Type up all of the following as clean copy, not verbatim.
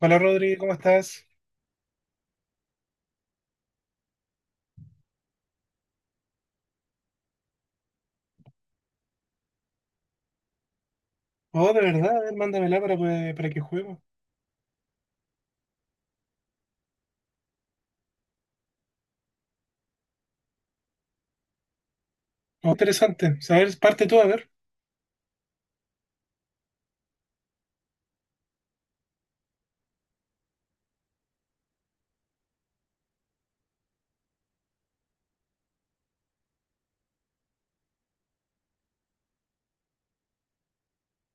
Hola Rodri, ¿cómo estás? Oh, de verdad, a ver, mándamela para, para que juguemos. Oh, interesante. Saber, parte tú, a ver.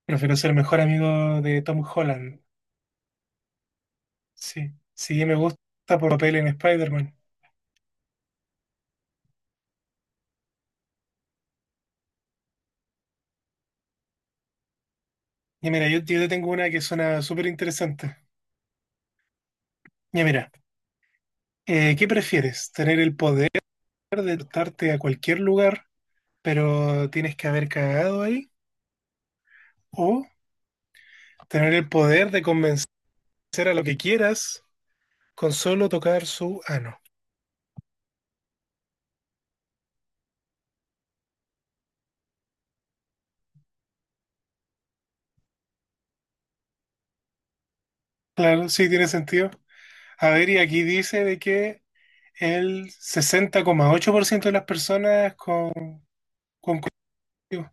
Prefiero ser mejor amigo de Tom Holland. Sí, sí, me gusta por papel en Spider-Man. Y mira, yo te tengo una que suena súper interesante. Ya mira, ¿qué prefieres? ¿Tener el poder de darte a cualquier lugar, pero tienes que haber cagado ahí? ¿O tener el poder de convencer a lo que quieras con solo tocar su ano? Claro, sí, tiene sentido. A ver, y aquí dice de que el 60,8% de las personas con cultivo.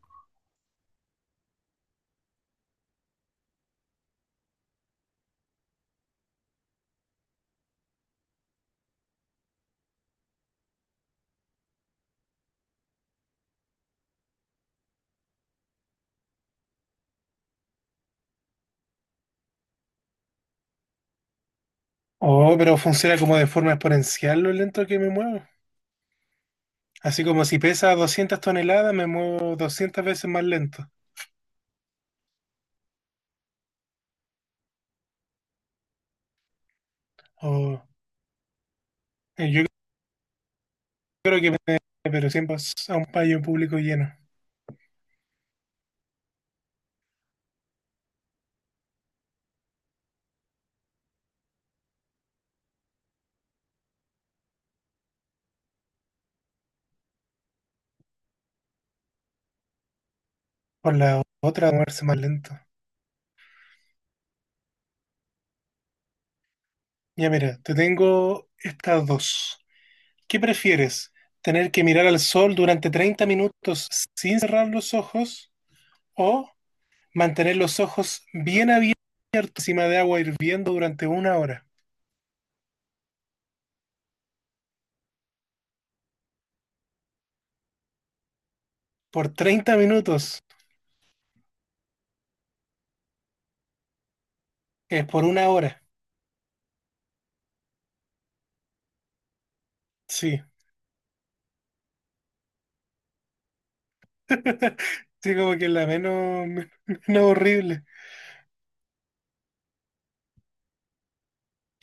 Oh, pero funciona como de forma exponencial lo lento que me muevo. Así como si pesa 200 toneladas, me muevo 200 veces más lento. O yo creo que me, pero siempre es a un payo público lleno. Por la otra, a moverse más lento. Ya mira, te tengo estas dos. ¿Qué prefieres? ¿Tener que mirar al sol durante 30 minutos sin cerrar los ojos o mantener los ojos bien abiertos encima de agua hirviendo durante una hora? Por 30 minutos, es por una hora. Sí, sí, como que la menos, menos horrible.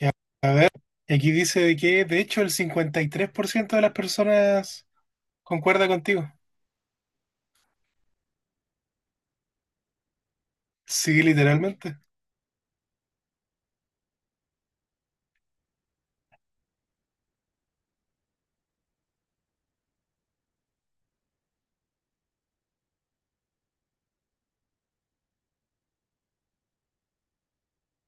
Ya, a ver, aquí dice de que de hecho el 53% de las personas concuerda contigo. Sí, literalmente.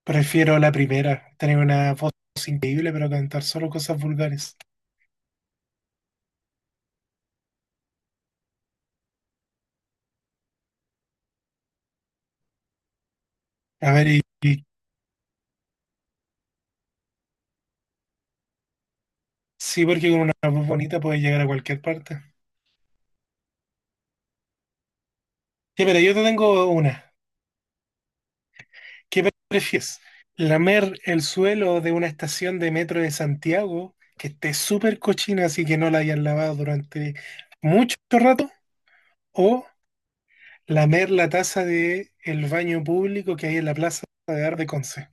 Prefiero la primera, tener una voz increíble, pero cantar solo cosas vulgares. A ver, sí, porque con una voz bonita puedes llegar a cualquier parte. Ya, pero yo te tengo una. ¿Qué prefieres? ¿Lamer el suelo de una estación de metro de Santiago que esté súper cochina así que no la hayan lavado durante mucho rato? ¿O lamer la taza de el baño público que hay en la Plaza de Arde Conce?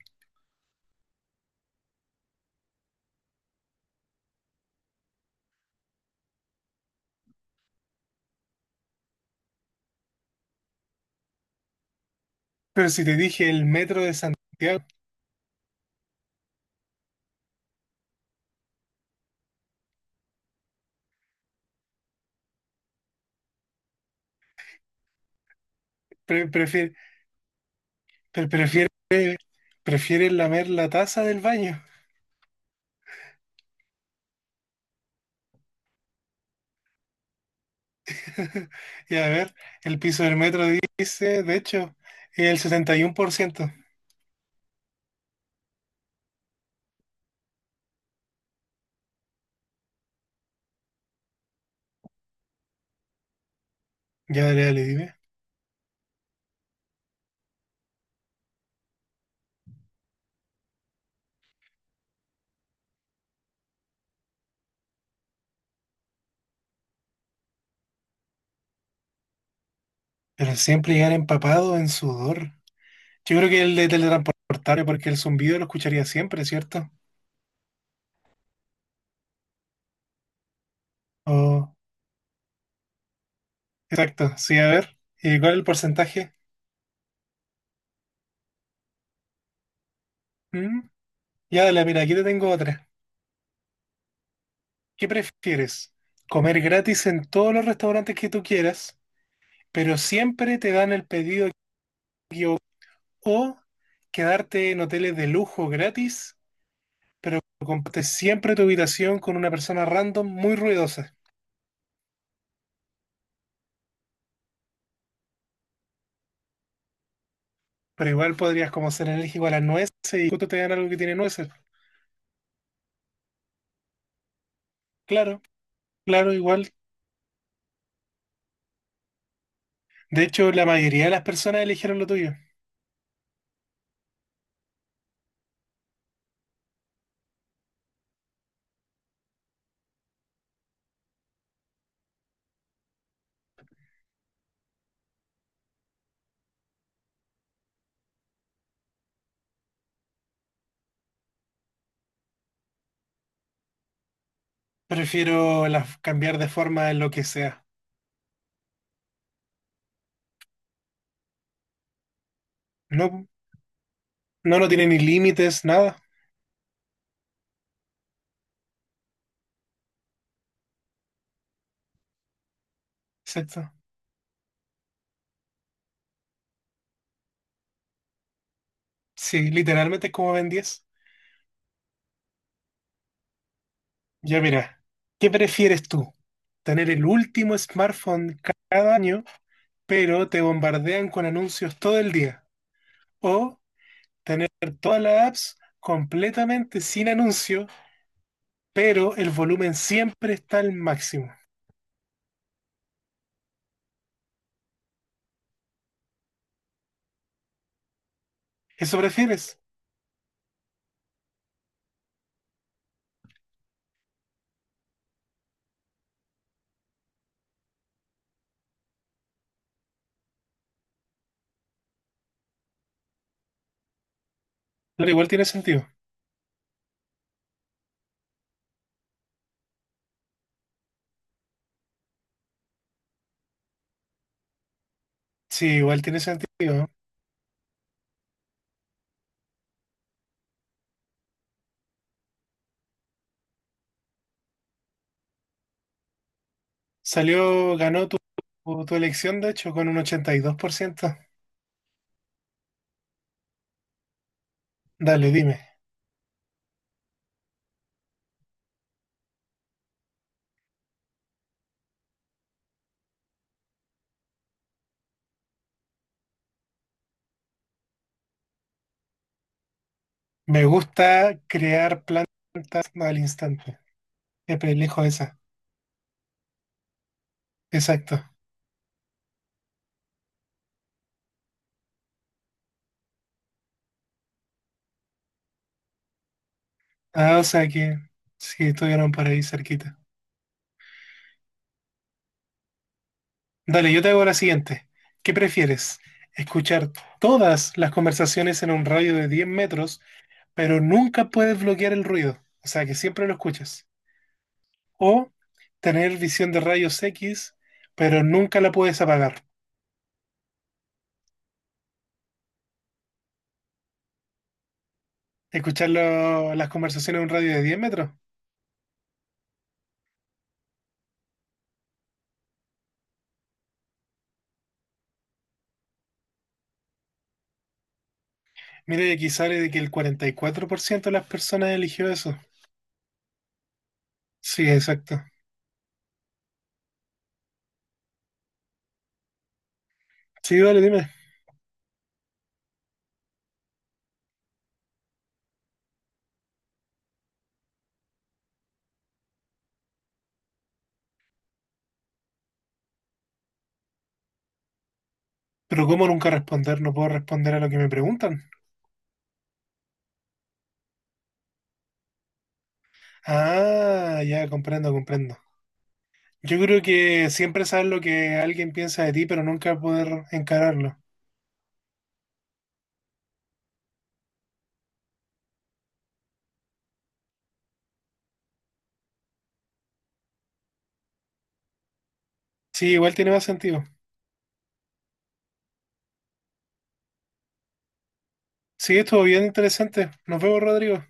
Pero si te dije el metro de Santiago, prefiero pero prefiere lamer la taza del baño. Y a ver, el piso del metro dice, de hecho, el 71%. Ya, dale, dale, dime. Pero siempre llegar empapado en sudor. Yo creo que el de teletransportarme, porque el zumbido lo escucharía siempre, ¿cierto? Oh, exacto, sí, a ver. ¿Y cuál es el porcentaje? ¿Mm? Ya, dale, mira, aquí te tengo otra. ¿Qué prefieres? ¿Comer gratis en todos los restaurantes que tú quieras, pero siempre te dan el pedido o quedarte en hoteles de lujo gratis, pero compartes siempre tu habitación con una persona random muy ruidosa? Pero igual podrías como ser alérgico a las nueces y justo te dan algo que tiene nueces. Claro, claro, igual. De hecho, la mayoría de las personas eligieron lo tuyo. Prefiero las cambiar de forma en lo que sea. No, no, no tiene ni límites, nada. Exacto. Sí, literalmente es como Ben 10. Ya mira, ¿qué prefieres tú? ¿Tener el último smartphone cada año pero te bombardean con anuncios todo el día? O tener todas las apps completamente sin anuncios, pero el volumen siempre está al máximo. ¿Eso prefieres? Pero igual tiene sentido. Sí, igual tiene sentido, ¿no? Salió, ganó tu elección, de hecho, con un 82%. Dale, dime. Me gusta crear plantas al instante. Siempre elijo esa. Exacto. Ah, o sea que sí, estuvieron por ahí cerquita. Dale, yo te hago la siguiente. ¿Qué prefieres? ¿Escuchar todas las conversaciones en un radio de 10 metros, pero nunca puedes bloquear el ruido? O sea, que siempre lo escuchas. ¿O tener visión de rayos X, pero nunca la puedes apagar? ¿Escuchar las conversaciones en un radio de 10 metros? Mira, y aquí sale de que el 44% de las personas eligió eso. Sí, exacto. Sí, dale, dime. Pero ¿cómo nunca responder? No puedo responder a lo que me preguntan. Ah, ya comprendo, comprendo. Yo creo que siempre sabes lo que alguien piensa de ti, pero nunca poder encararlo. Sí, igual tiene más sentido. Sí, estuvo bien interesante. Nos vemos, Rodrigo.